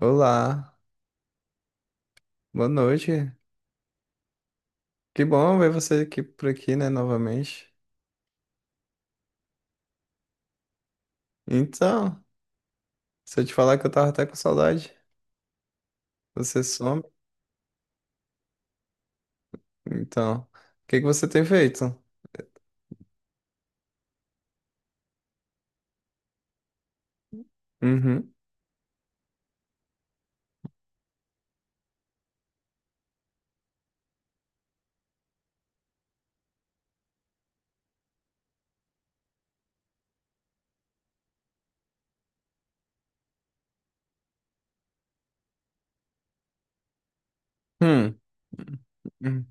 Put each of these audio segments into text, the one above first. Olá, boa noite. Que bom ver você aqui por aqui, né, novamente. Então, se eu te falar que eu tava até com saudade, você some. Então, o que que você tem feito? Uhum. Hum. Hum.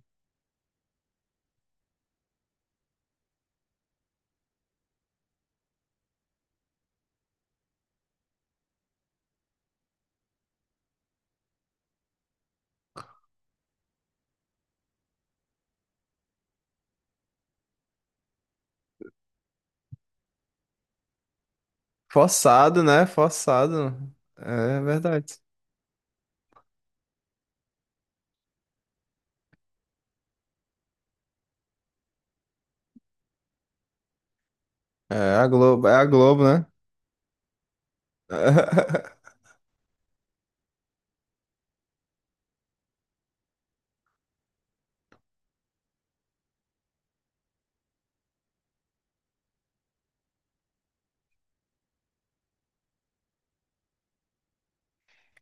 Forçado, né? Forçado. É verdade. É a Globo, né?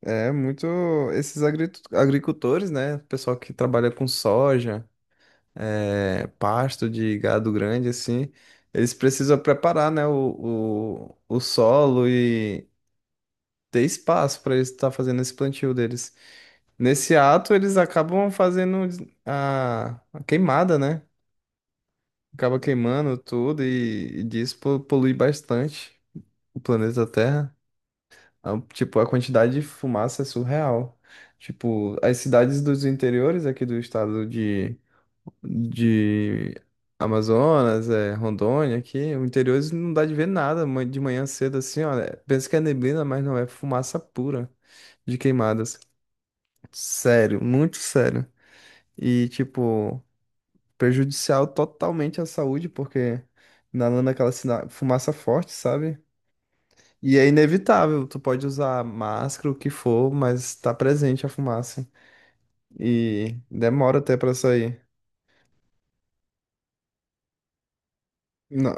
É muito esses agricultores, né? Pessoal que trabalha com soja. É, pasto de gado grande, assim, eles precisam preparar, né, o solo e ter espaço para eles estar fazendo esse plantio deles. Nesse ato, eles acabam fazendo a queimada, né? Acaba queimando tudo e disso polui bastante o planeta Terra. Tipo, a quantidade de fumaça é surreal. Tipo, as cidades dos interiores aqui do estado de Amazonas, é, Rondônia, aqui, o interior eles não dá de ver nada de manhã cedo assim, olha. Pensa que é neblina, mas não é fumaça pura de queimadas. Sério, muito sério. E, tipo, prejudicial totalmente à saúde, porque inalando aquela fumaça forte, sabe? E é inevitável, tu pode usar máscara, o que for, mas tá presente a fumaça. E demora até pra sair. Não,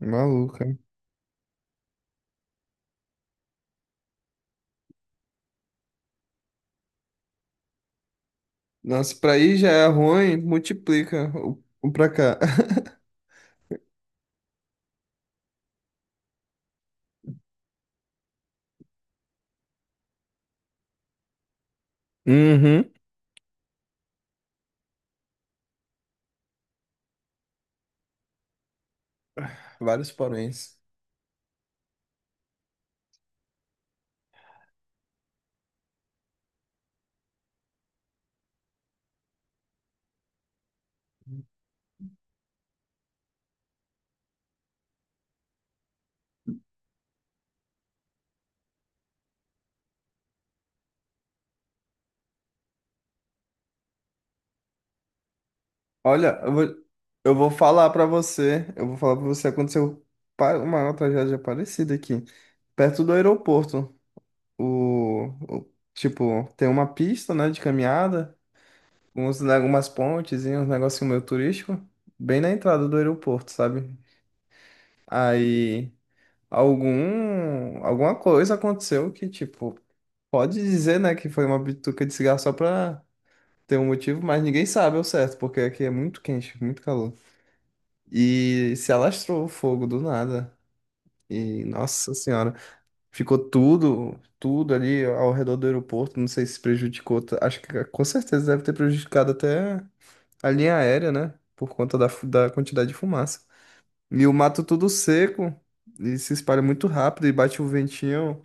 maluco. Nossa, pra aí já é ruim, multiplica o pra cá. Uhum. Vários poréns. Olha, eu vou, eu vou falar pra você, aconteceu uma tragédia parecida aqui, perto do aeroporto. Tipo, tem uma pista, né, de caminhada, uns, né, algumas pontes e uns negocinho meio turístico, bem na entrada do aeroporto, sabe? Aí alguma coisa aconteceu, que tipo, pode dizer, né, que foi uma bituca de cigarro só pra ter um motivo, mas ninguém sabe ao certo, porque aqui é muito quente, muito calor. E se alastrou o fogo do nada. E, nossa senhora, ficou tudo, tudo ali ao redor do aeroporto, não sei se prejudicou, acho que com certeza deve ter prejudicado até a linha aérea, né, por conta da, da quantidade de fumaça. E o mato tudo seco, e se espalha muito rápido, e bate o ventinho,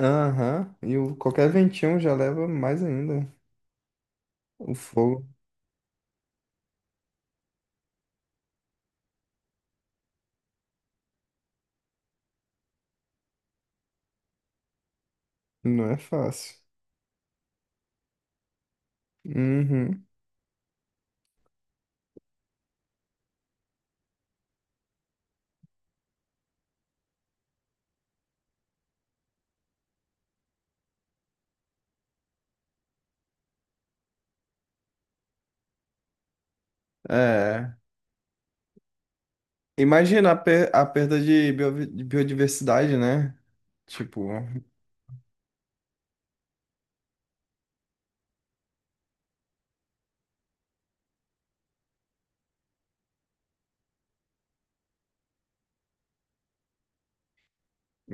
aham, e o, qualquer ventinho já leva mais ainda. O fogo não é fácil. Uhum. É. Imagina a, a perda de de biodiversidade, né? Tipo,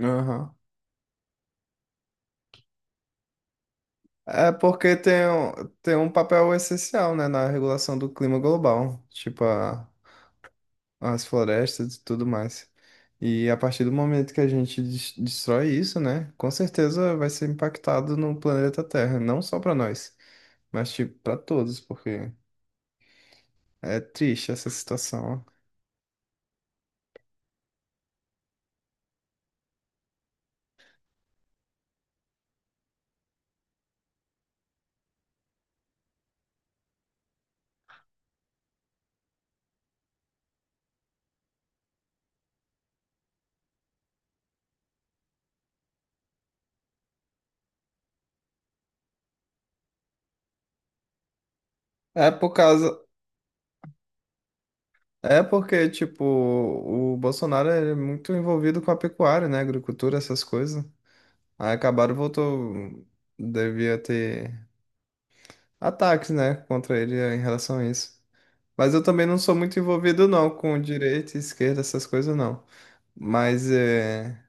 aham. É porque tem, tem um papel essencial, né, na regulação do clima global, tipo as florestas e tudo mais. E a partir do momento que a gente destrói isso, né, com certeza vai ser impactado no planeta Terra, não só para nós, mas tipo para todos, porque é triste essa situação. É por causa É porque, tipo, o Bolsonaro é muito envolvido com a pecuária, né? Agricultura, essas coisas. Aí acabaram, voltou. Devia ter ataques, né? Contra ele em relação a isso. Mas eu também não sou muito envolvido, não, com direita, e esquerda, essas coisas, não. Mas é,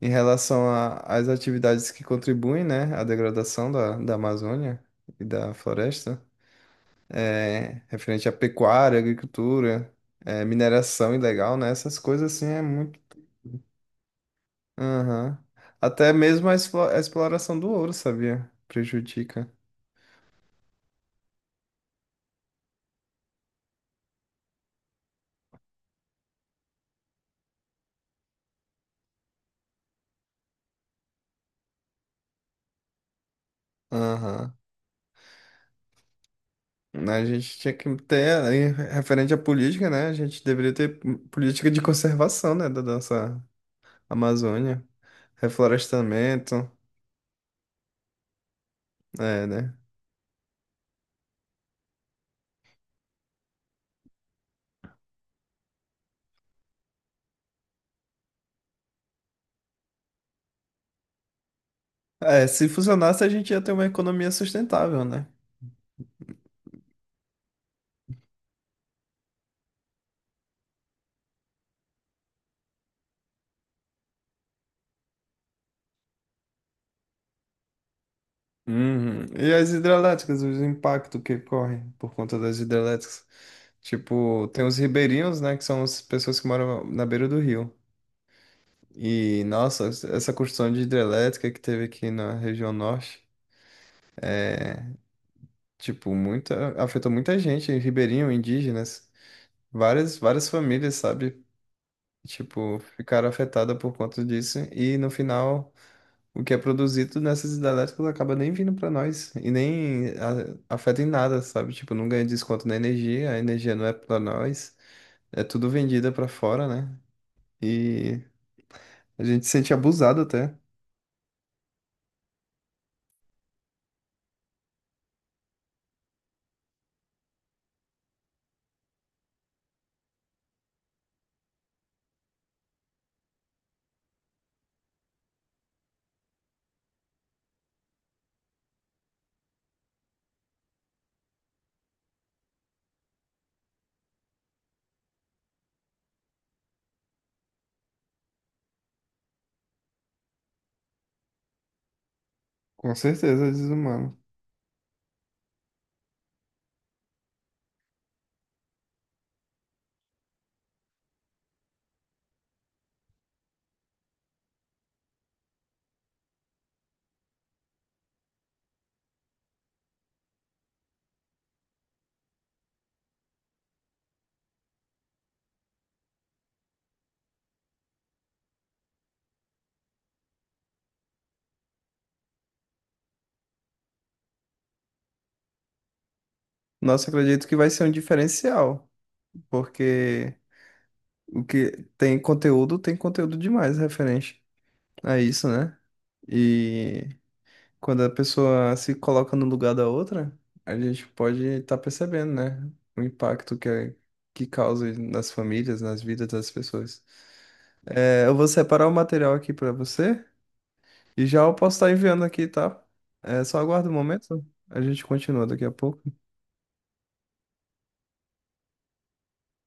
em relação às atividades que contribuem, né? À degradação da Amazônia e da floresta, é, referente à pecuária, agricultura, é, mineração ilegal, né? Essas coisas, assim, é muito. Aham. Até mesmo a a exploração do ouro, sabia? Prejudica. Aham. A gente tinha que ter, aí, referente à política, né? A gente deveria ter política de conservação, né? Da nossa Amazônia. Reflorestamento. É, né? É, se funcionasse, a gente ia ter uma economia sustentável, né? Uhum. E as hidrelétricas, os impactos que correm por conta das hidrelétricas. Tipo, tem os ribeirinhos, né? Que são as pessoas que moram na beira do rio. E, nossa, essa construção de hidrelétrica que teve aqui na região norte, tipo, muita, afetou muita gente, ribeirinho, indígenas, várias, várias famílias, sabe? Tipo, ficaram afetadas por conta disso. E no final, o que é produzido nessas hidrelétricas acaba nem vindo para nós e nem afeta em nada, sabe? Tipo, não ganha desconto na energia, a energia não é para nós, é tudo vendida para fora, né? E a gente se sente abusado até, com certeza, desumano. Nossa, acredito que vai ser um diferencial, porque o que tem conteúdo demais referente a isso, né? E quando a pessoa se coloca no lugar da outra, a gente pode estar percebendo, né? O impacto que causa nas famílias, nas vidas das pessoas. É, eu vou separar o material aqui para você e já eu posso estar enviando aqui, tá? É, só aguarda um momento, a gente continua daqui a pouco.